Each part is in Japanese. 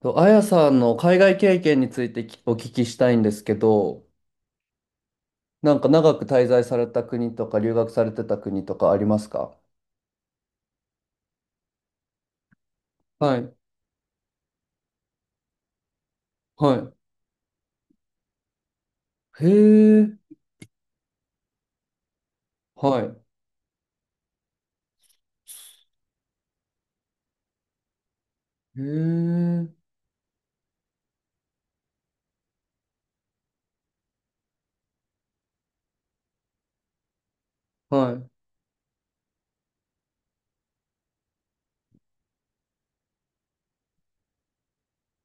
と、あやさんの海外経験についてお聞きしたいんですけど、なんか長く滞在された国とか留学されてた国とかありますか？はい、はい。へえ、はい。へえ、は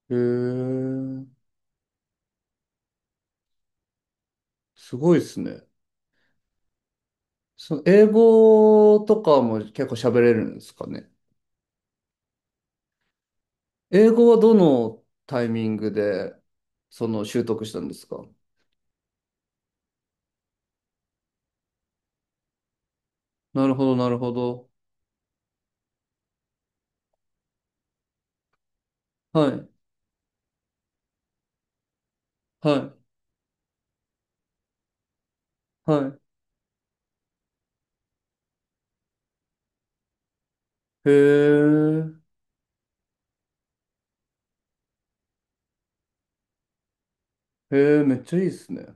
い。へえ、すごいですね。その英語とかも結構喋れるんですかね。英語はどのタイミングでその習得したんですか？なるほど、なるほど。はい、はい、はい。へえ。へえ、めっちゃいいっすね。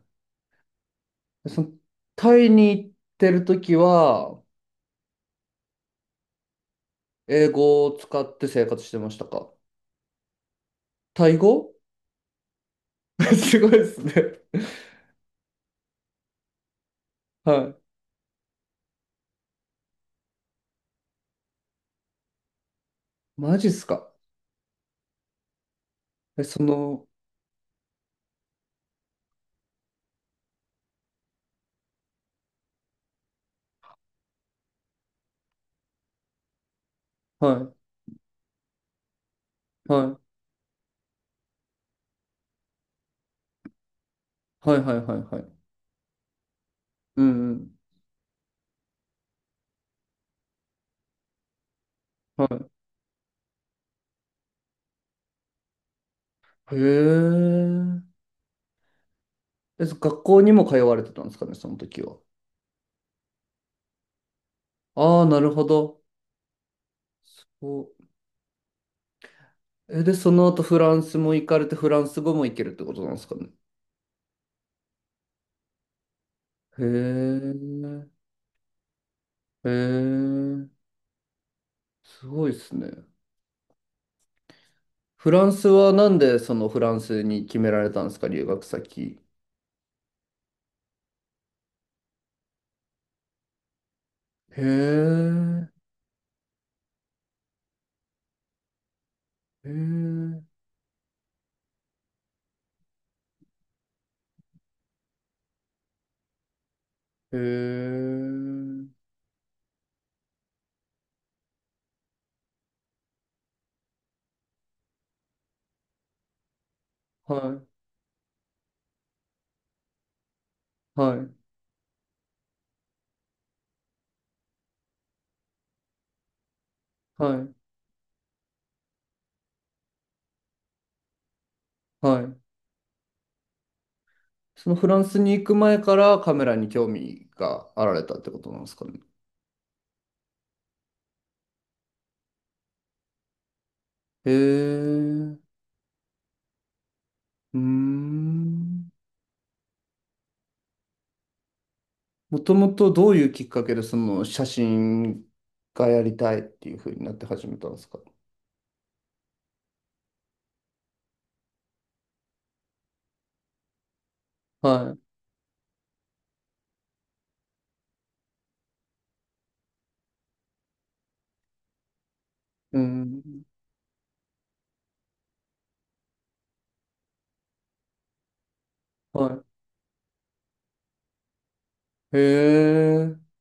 その、タイに行ってるときは、英語を使って生活してましたか？タイ語。 すごいっすね。はい。マジっすか？え、その、はい、はい、はい、はい、はい、はい。うん、うん。はい。へえ。え、そ学校にも通われてたんですかね、その時は。ああ、なるほど。そう。え、で、その後フランスも行かれて、フランス語も行けるってことなんですかね。へえ。へえ。すごいですね。フランスはなんでそのフランスに決められたんですか、留学先。へえ、へえ、へえ、はい、はい、はい、はい。そのフランスに行く前からカメラに興味があられたってことなんですかね。へえ、うーん。もともとどういうきっかけでその写真がやりたいっていうふうになって始めたんですか。はい、うん、はい。へえ、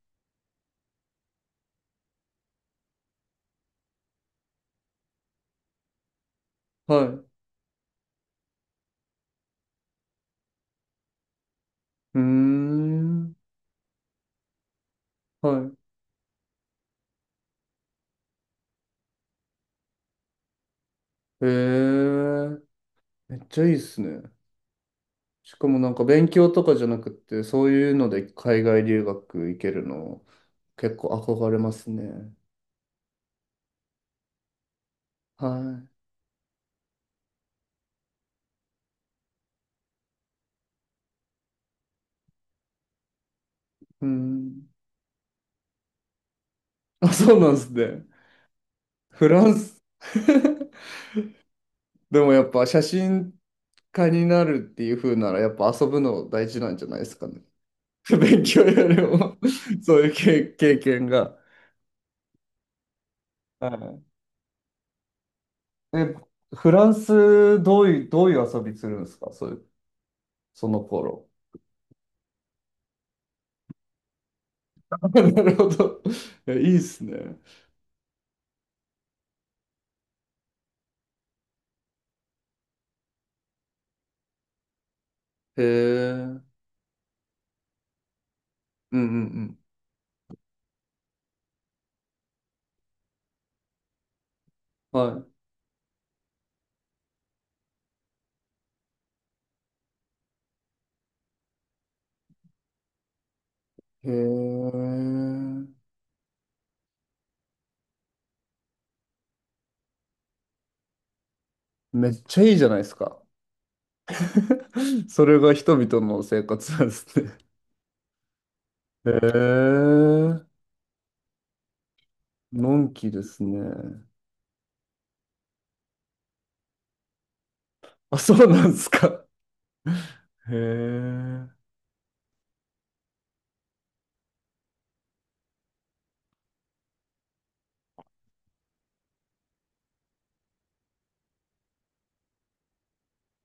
はい。うーん。はい。へえ。めっちゃいいっすね。しかもなんか勉強とかじゃなくって、そういうので海外留学行けるの、結構憧れますね。はい。うん。あ、そうなんですね。フランス。 でもやっぱ写真家になるっていう風なら、やっぱ遊ぶの大事なんじゃないですかね。勉強よりも そういう経験が。はい。え、フランス、どういう遊びするんですかそういうその頃。なるほど。いいいっすね。へえ。うんうんうん。はい。へえ。めっちゃいいじゃないですか。それが人々の生活なんですね。へえ。のんきですね。あ、そうなんですか。へえ。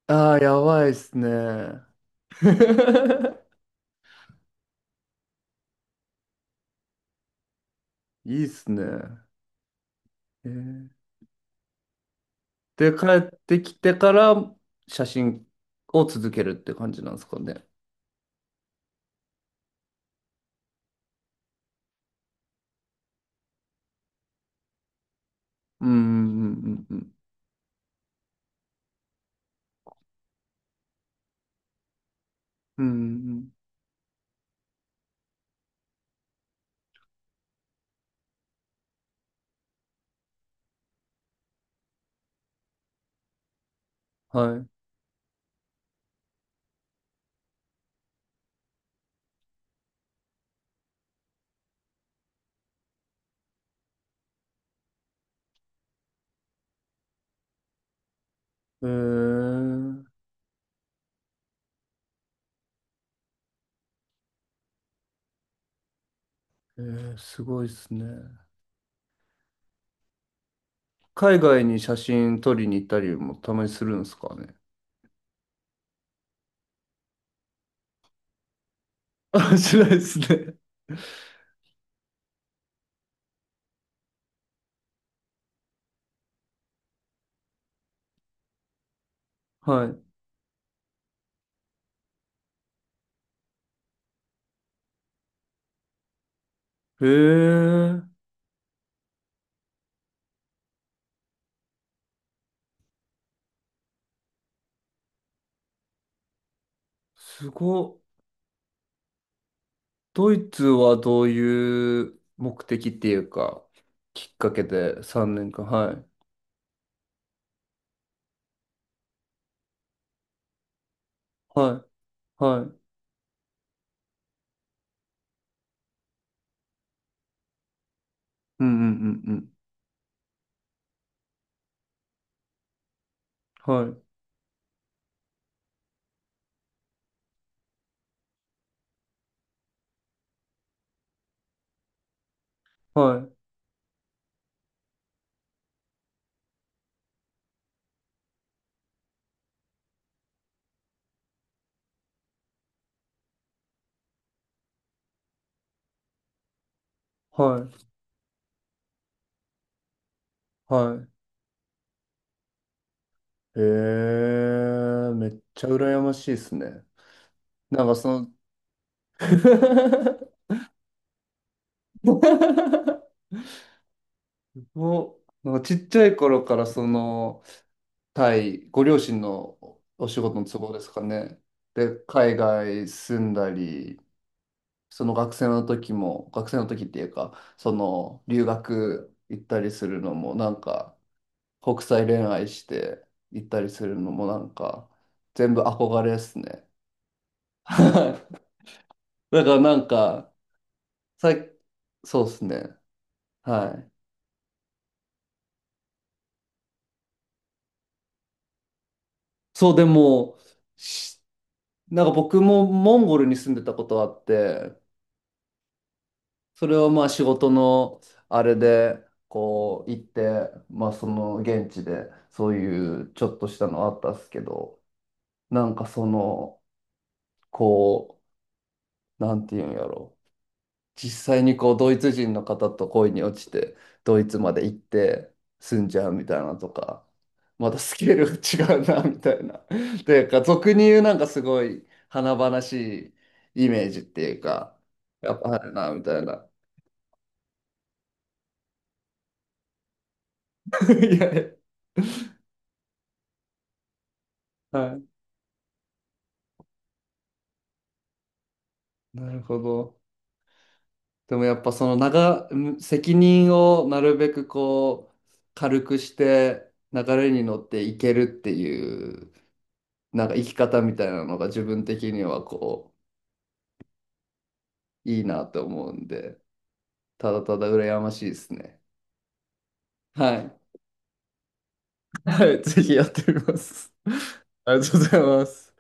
ああ、やばいっすね。いいっすね。へえ、で、帰ってきてから写真を続けるって感じなんですかね。うん、うん、うん、うん、うんうん、はい。えー、えー、すごいですね。海外に写真撮りに行ったりもたまにするんですかね。あ、しないですね。はい。へえ、すごっ。ドイツはどういう目的っていうか、きっかけで3年間。はい。はい。はい。うんうんうんうん。はい。はい。はい。はい。へえ、めっちゃ羨ましいですね。なんかその、もう、なんかちっちゃい頃からその、タイ、ご両親のお仕事の都合ですかね。で、海外住んだり、その学生の時も、学生の時っていうか、その留学行ったりするのも、なんか国際恋愛して行ったりするのも、なんか全部憧れですね。はい。だからなんか、さい、そうですね。はい。そう、でも、し、なんか僕もモンゴルに住んでたことあって、それはまあ仕事のあれで、こう行って、まあその現地でそういうちょっとしたのあったっすけど、なんかその、こう、なんていうんやろ。実際にこうドイツ人の方と恋に落ちてドイツまで行って住んじゃうみたいなとか、またスケールが違うなみたいな。でか俗に言うなんかすごい華々しいイメージっていうかやっぱあるなみたいな。いやいや、はい、なるほど。でもやっぱその長ん責任をなるべくこう軽くして流れに乗っていけるっていう、なんか生き方みたいなのが自分的にはこう。いいなと思うんで、ただただ羨ましいですね。はい。はい、ぜひやってみます。ありがとうございます。